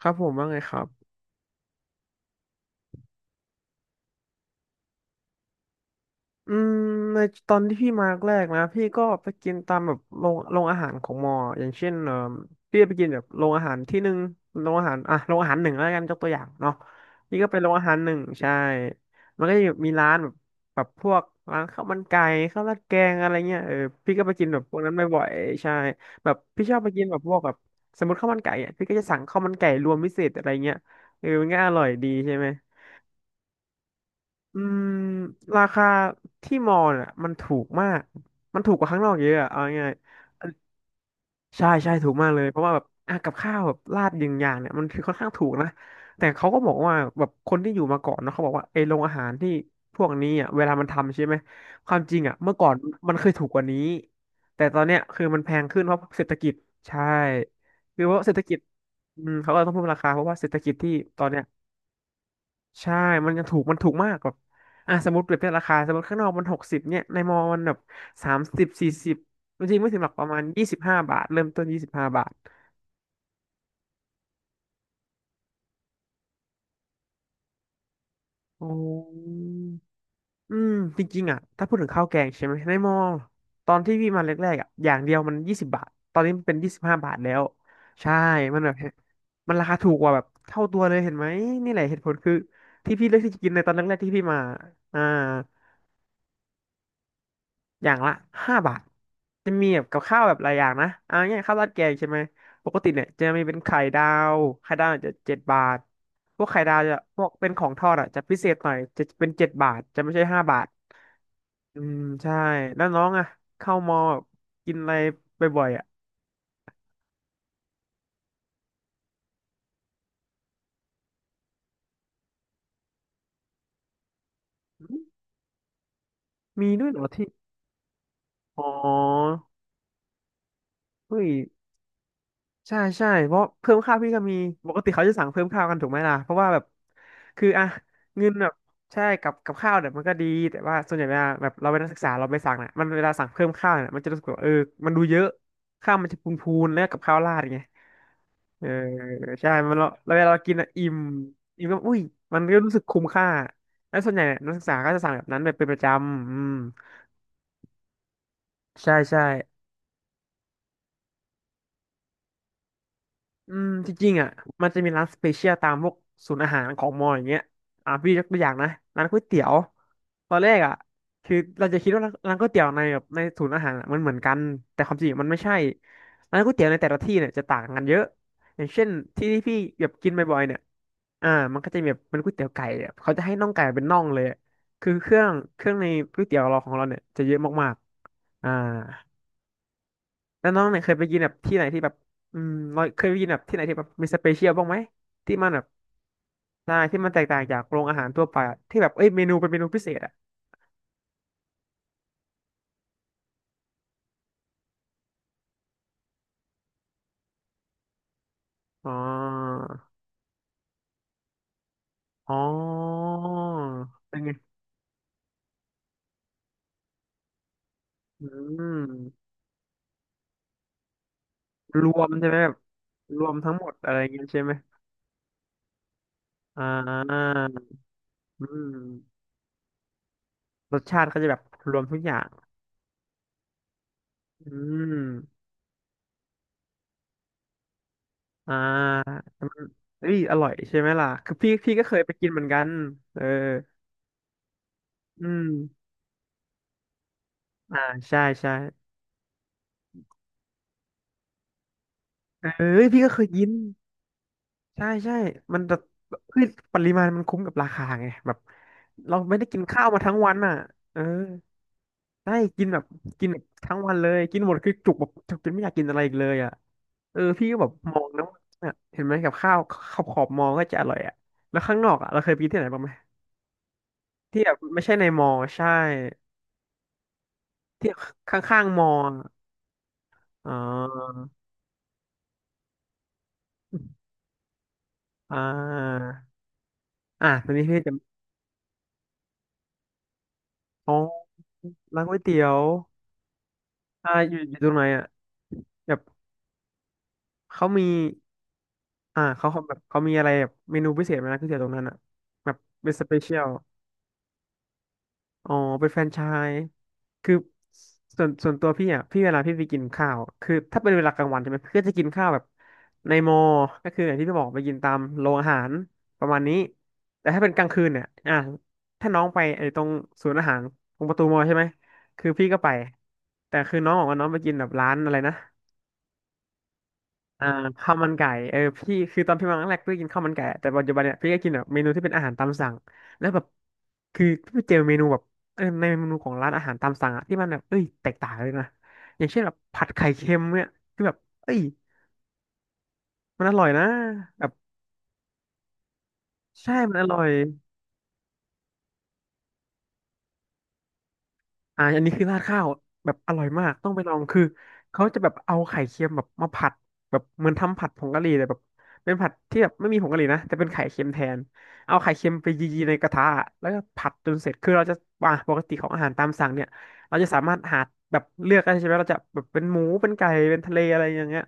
ครับผมว่าไงครับอืมในตอนที่พี่มาแรกนะพี่ก็ไปกินตามแบบโรงอาหารของมออย่างเช่นพี่ไปกินแบบโรงอาหารที่หนึ่งโรงอาหารอ่ะโรงอาหารหนึ่งแล้วกันยกตัวอย่างเนาะนี่ก็เป็นโรงอาหารหนึ่งใช่มันก็จะมีร้านแบบแบบพวกร้านข้าวมันไก่ข้าวราดแกงอะไรเงี้ยพี่ก็ไปกินแบบพวกนั้นบ่อยๆใช่แบบพี่ชอบไปกินแบบพวกแบบสมมติข้าวมันไก่อ่ะพี่ก็จะสั่งข้าวมันไก่รวมพิเศษอะไรเงี้ยมันก็อร่อยดีใช่ไหม อืมราคาที่มอลน่ะมันถูกมาก มันถูกกว่าข้างนอกเยอะอะเอาง่ายๆใช่ใช่ถูกมากเลยเพราะว่าแบบอ่ะกับข้าวแบบราดยิงอย่างเนี่ยมันคือค่อนข้างถูกนะแต่เขาก็บอกว่าแบบคนที่อยู่มาก่อนเนาะเขาบอกว่าไอ้โรงอาหารที่พวกนี้อ่ะเวลามันทำใช่ไหมความจริงอ่ะเมื่อก่อนมันเคยถูกกว่านี้ แต่ตอนเนี้ยคือมันแพงขึ้นเพราะเศรษฐกิจใช่คือเพราะเศรษฐกิจอืมเขาก็ต้องเพิ่มราคาเพราะว่าเศรษฐกิจที่ตอนเนี้ย ใช่ มันยังถูก มันถูกมากแบบอ่ะสมมติเปรียบเทียบราคา สมมติข้างนอกมัน60เนี่ย ในมอมันแบบ30 40จริงๆไม่ถึงหรอกประมาณยี่สิบห้าบาท เริ่มต้น25 บาทโอ้อืม จริงๆอ่ะถ้าพูดถึงข้าวแกงใช่ไหม ในมอ ตอนที่พี่มาแรกๆอ่ะอย่างเดียวมัน20 บาท ตอนนี้มันเป็น25 บาทแล้วใช่มันแบบมันราคาถูกกว่าแบบเท่าตัวเลยเห็นไหมนี่แหละเหตุผลคือที่พี่เลือกที่จะกินในตอนแรกๆที่พี่มาอ่า อย่างละ5 บาทจะมีแบบกับข้าวแบบหลายอย่างนะเอาง่ายข้าวราดแกงใช่ไหมปกติเนี่ยจะมีเป็นไข่ดาวไข่ดาวจจะเจ็ดบาทพวกไข่ดาวจะพวกเป็นของทอดอ่ะจะพิเศษหน่อยจะเป็นเจ็ดบาทจะไม่ใช่ห้าบาทอืมใช่แล้วน้องอ่ะเข้ามอแบบกินอะไรบ่อยๆอ่ะมีด้วยเหรอที่อ๋อเฮ้ย ใช่ใช่เพราะเพิ่มข้าวพี่ก็มีปกติเขาจะสั่งเพิ่มข้าวกันถูกไหมล่ะเพราะว่าแบบคืออะเงินแบบใช่กับกับข้าวเนี่ยมันก็ดีแต่ว่าส่วนใหญ่เวลาแบบเราเป็นนักศึกษาเราไปสั่งเนี่ยมันเวลาสั่งเพิ่มข้าวเนี่ยมันจะรู้สึกว่ามันดูเยอะข้าวมันจะพูนๆแล้วกับข้าวราดไงเออใช่มันเราแล้เวลาเรากินอะอิ่มอิ่มก็อุ้ยมันก็รู้สึกคุ้มค่าแล้วส่วนใหญ่เนี่ยนักศึกษาก็จะสั่งแบบนั้นแบบเป็นประจำอืมใช่ใช่ อืมจริงๆอ่ะมันจะมีร้านสเปเชียลตามพวกศูนย์อาหารของมออย่างเงี้ยอ่ะพี่ยกตัวอย่างนะร้านก๋วยเตี๋ยวตอนแรกอ่ะคือเราจะคิดว่าร้านก๋วยเตี๋ยวในแบบในศูนย์อาหารอะมันเหมือนกันแต่ความจริงมันไม่ใช่ร้านก๋วยเตี๋ยวในแต่ละที่เนี่ยจะต่างกันเยอะอย่างเช่นที่ที่พี่แบบกินบ่อยๆเนี่ยอ่ามันก็จะมีแบบเป็นก๋วยเตี๋ยวไก่อะเขาจะให้น่องไก่เป็นน่องเลยอะคือเครื่องในก๋วยเตี๋ยวเราของเราเนี่ยจะเยอะมากๆอ่า แล้วน้องเนี่ยเคยไปกินแบบที่ไหนที่แบบอืมเราเคยไปกินแบบที่ไหนที่แบบมีสเปเชียลบ้างไหมที่มันแบบใช่ที่มันแตกต่างจากโรงอาหารทั่วไปอะที่แบบเอ้ยเมนูเป็นเมนูพิเศษอ่ะอ๋ออ๋อเป็นไงอืมรวมใช่ไหมแบบรวมทั้งหมดอะไรเงี้ยใช่ไหมอ่าอืมรสชาติเขาจะแบบรวมทุกอย่างอืมอ่ามันเอ้ยอร่อยใช่ไหมล่ะคือพี่พี่ก็เคยไปกินเหมือนกันเอออืมอ่าใช่ใช่ เอ้ยพี่ก็เคยกินใช่ใช่มันจะคือปริมาณมันคุ้มกับราคาไงแบบเราไม่ได้กินข้าวมาทั้งวันอ่ะเออได้กินแบบกินแบบทั้งวันเลยกินหมดคือจุกแบบจุกจนไม่อยากกินอะไรอีกเลยอ่ะพี่ก็แบบมองนะว่าเนี่ยเห็นไหมกับข้าวขอบมองก็จะอร่อยอ่ะแล้วข้างนอกอ่ะเราเคยไปกินที่ไหนบ้างไหมที่แบบไม่ใช่ในมอใช่ที่ข้างๆมออ๋ออ่าอ่ะตอนนี้พี่จะอ๋อร้านก๋วยเตี๋ยว ใช่อยู่ตรงไหนอ่ะแบบเขามีอ่าเขาแบบเขามีอะไรแบบเมนูพิเศษไหมนะก๋วยเตี๋ยวตรงนั้นอ่ะแบบเป็นสเปเชียลอ๋อเป็นแฟรนไชส์คือส่วนตัวพี่อ่ะพี่เวลาพี่ไปกินข้าวคือถ้าเป็นเวลากลางวันใช่ไหมพี่ก็จะกินข้าวแบบในมอ ก็คืออย่างที่พี่บอกไปกินตามโรงอาหารประมาณนี้แต่ถ้าเป็นกลางคืนเนี่ยอ่าถ้าน้องไปไอ้ตรงศูนย์อาหารตรงประตูมอใช่ไหมคือพี่ก็ไปแต่คือน้องบอกว่าน้องไปกินแบบร้านอะไรนะ อ่าข้าวมันไก่เออพี่คือตอนพี่มาครั้งแรกพี่ก็กินข้าวมันไก่แต่ปัจจุบันเนี่ยพี่ก็กินแบบเมนูที่เป็นอาหารตามสั่งแล้วแบบคือพี่ไปเจอเมนูแบบเออในเมนูของร้านอาหารตามสั่งอะที่มันแบบเอ้ยแตกต่างเลยนะอย่างเช่นแบบผัดไข่เค็มเนี่ยคือแบบเอ้ยมันอร่อยนะแบบใช่มันอร่อย อ่าอันนี้คือราดข้าวแบบอร่อยมากต้องไปลองคือเขาจะแบบเอาไข่เค็มแบบมาผัดแบบเหมือนทำผัดผงกะหรี่เลยแบบเป็นผัดที่แบบไม่มีผงกะหรี่นะแต่เป็นไข่เค็มแทนเอาไข่เค็มไปยีๆในกระทะแล้วก็ผัดจนเสร็จคือเราจะอ่าปกติของอาหารตามสั่งเนี่ยเราจะสามารถหาแบบเลือกได้ใช่ไหมเราจะแบบเป็นหมูเป็นไก่เป็นทะเลอะไรอย่างเงี้ย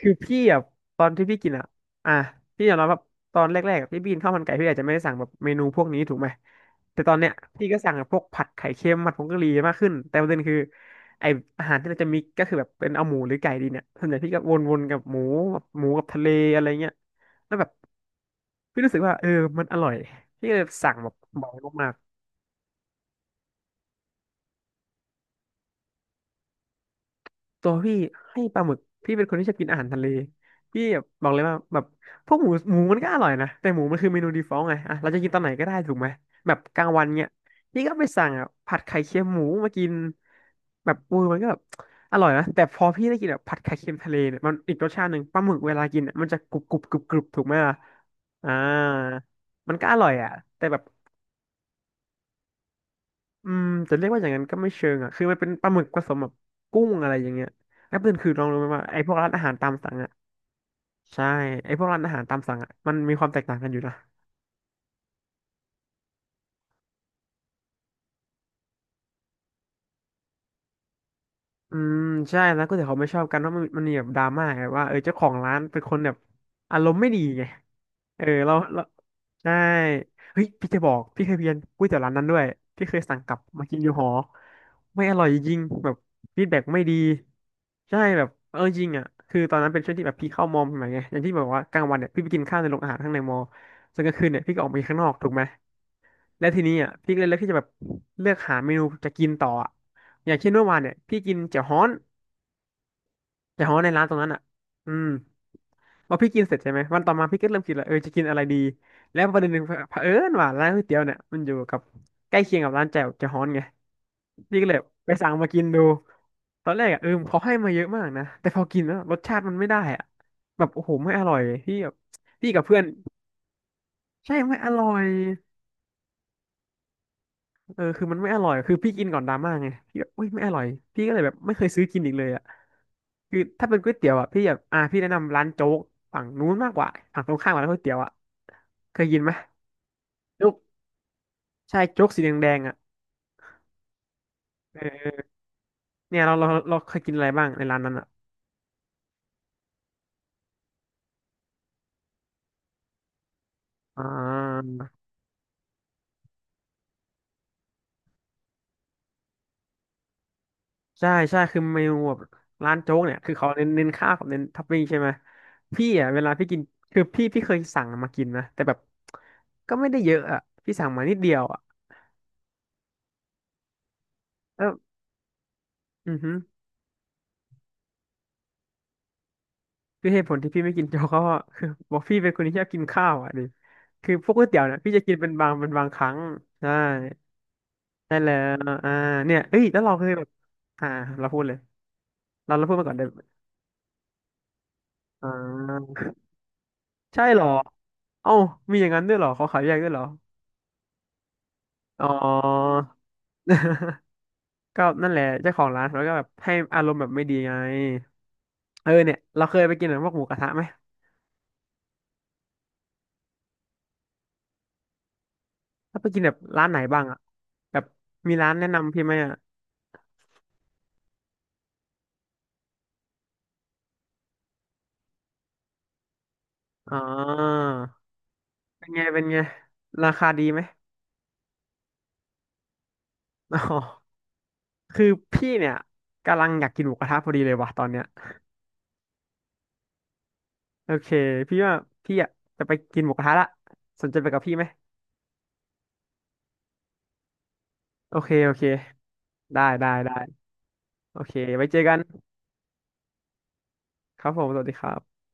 คือพี่อ่ะตอนที่พี่กินอ่ะพี่ยอมรับว่าตอนแรกๆอะพี่บินข้าวมันไก่พี่อาจจะไม่ได้สั่งแบบเมนูพวกนี้ถูกไหม แต่ตอนเนี้ยพี่ก็สั่งพวกผัดไข่เค็มผัดผงกะหรี่มากขึ้นแต่ประเด็นคือไออาหารที่เราจะมีกก็คือแบบเป็นเอาหมูหรือไก่ดีเนี่ยส่วนใหญ่พี่ก็วนๆกับหมูแบบหมูกับทะเลอะไรเงี้ยแล้วแบบพี่รู้สึกว่าเออมันอร่อยพี่ก็เลยสั่งแบบเหมามาก ตัวพี่ให้ปลาหมึกพี่เป็นคนที่ชอบกินอาหารทะเลพี่แบบบอกเลยว่าแบบพวกหมูมันก็อร่อยนะแต่หมูมันคือเมนูดีฟอลต์ไงอ่ะเราจะกินตอนไหนก็ได้ถูกไหมแบบกลางวันเนี่ยพี่ก็ไปสั่งอ่ะผัดไข่เค็มหมูมากินแบบอูมันก็แบบอร่อยนะแต่พอพี่ได้กินแบบผัดไข่เค็มทะเลเนี่ยมันอีกรสชาติหนึ่งปลาหมึกเวลากินอะมันจะกรุบกรุบกรุบกรุบถูกไหมล่ะอ่ามันก็อร่อยอ่ะแต่แบบ อืมจะเรียกว่าอย่างนั้นก็ไม่เชิงอ่ะคือมันเป็นปลาหมึกผสมแบบกุ้งอะไรอย่างเงี้ยแล้วประเด็นคือลองรู้ไหมว่าไอ้พวกร้านอาหารตามสั่งอ่ะใช่ไอ้พวกร้านอาหารตามสั่งอ่ะมันมีความแตกต่างกันอยู่นะ อืมใช่ร้านก๋วยเตี๋ยวเขาไม่ชอบกันเพราะมันมีแบบดราม่าไงว่าเออเจ้าของร้านเป็นคนแบบอารมณ์ไม่ดีไงเออเราใช่เฮ้ยพี่จะบอกพี่เคยเพียนก๋วยเตี๋ยวร้านนั้นด้วยพี่เคยสั่งกลับมากินอยู่หอไม่อร่อยจริงแบบฟีดแบ็กไม่ดีใช่แบบเออจริงอ่ะคือตอนนั้นเป็นช่วงที่แบบพี่เข้ามอมใหม่ไงอย่างที่บอกว่ากลางวันเนี่ยพี่ไปกินข้าวในโรงอาหารข้างในมอส่วนกลางคืนเนี่ยพี่ก็ออกไปข้างนอกถูกไหมและทีนี้อ่ะพี่ก็เลยเลือกที่จะแบบเลือกหาเมนูจะกินต่ออะอย่างเช่นเมื่อวานเนี่ยพี่กินเจ๋อฮ้อน แต่เพราะว่าในร้านตรงนั้นอ่ะ อืมพอพี่กินเสร็จใช่ไหมวันต่อมาพี่ก็เริ่มคิดแล้วเออจะกินอะไรดีแล้วประเด็นหนึ่งเผอิญว่าร้านก๋วยเตี๋ยวเนี่ยมันอยู่กับใกล้เคียงกับร้านแจ่วเจะฮ้อนไงพี่ก็เลยไปสั่งมากินดูตอนแรกอ่ะเออเขาให้มาเยอะมากนะแต่พอกินแล้วรสชาติมันไม่ได้อ่ะแบบโอ้โหไม่อร่อยพี่แบบพี่กับเพื่อนใช่ไม่อร่อย เออคือมันไม่อร่อยคือพี่กินก่อนดราม่าไงพี่แบบอุ้ยไม่อร่อยพี่ก็เลยแบบไม่เคยซื้อกินอีกเลยอ่ะคือถ้าเป็นก๋วยเตี๋ยวอ่ะพี่แบบอ่าพี่แนะนำร้านโจ๊กฝั่งนู้นมากกว่าฝั่งตรงข้ามกับร้านก๋วยเตี๋ยวอ่ะเคยกินไหมโจ๊กใช่โจ๊กสีแดงๆอ่ะเออเนี่ยเราเคยกินอะไรบ้างในร้านนั้นอ่ะอ่าใช่ใช่คือเมนูแบบร้านโจ๊กเนี่ยคือเขาเน้นข้าวกับเน้นท็อปปิ้งใช่ไหมพี่อ่ะเวลาพี่กินคือพี่เคยสั่งมากินนะแต่แบบก็ไม่ได้เยอะอ่ะพี่สั่งมานิดเดียวอ่ะเอออือฮึ คือเหตุผลที่พี่ไม่กิน โจ๊กก็คือบอกพี่เป็นคนที่ชอบกินข้าวอ่ะดิคือพวกก๋วยเตี๋ยวเนี่ยพี่จะกินเป็นบางครั้งใช่ได้แล้วอ่าเนี่ยเอ้ยแล้วเราเคยแบบอ่าเราพูดเลยเราพูดมาก่อนได้ไหมอ่าใช่เหรอเอ้ามีอย่างนั้นด้วยเหรอเขาขายแยกด้วยเหรออ๋อ ก็นั่นแหละเจ้าของร้านเขาก็แบบให้อารมณ์แบบไม่ดีไงเออเนี่ยเราเคยไปกินแบบพวกหมูกระทะไหมถ้าไปกินแบบร้านไหนบ้างอะแบบมีร้านแนะนำพี่ไหมอะอ๋อ เป็นไงเป็นไงราคาดีไหม อ๋อคือพี่เนี่ยกำลังอยากกินหมูกระทะพอดีเลยว่ะตอนเนี้ยโอเค พี่ว่าพี่อ่ะจะไปกินหมูกระทะละสนใจไปกับพี่ไหม โอเค โอเค ได้ ได้โอเคไว้เจอกัน ครับผม สวัสดีครับ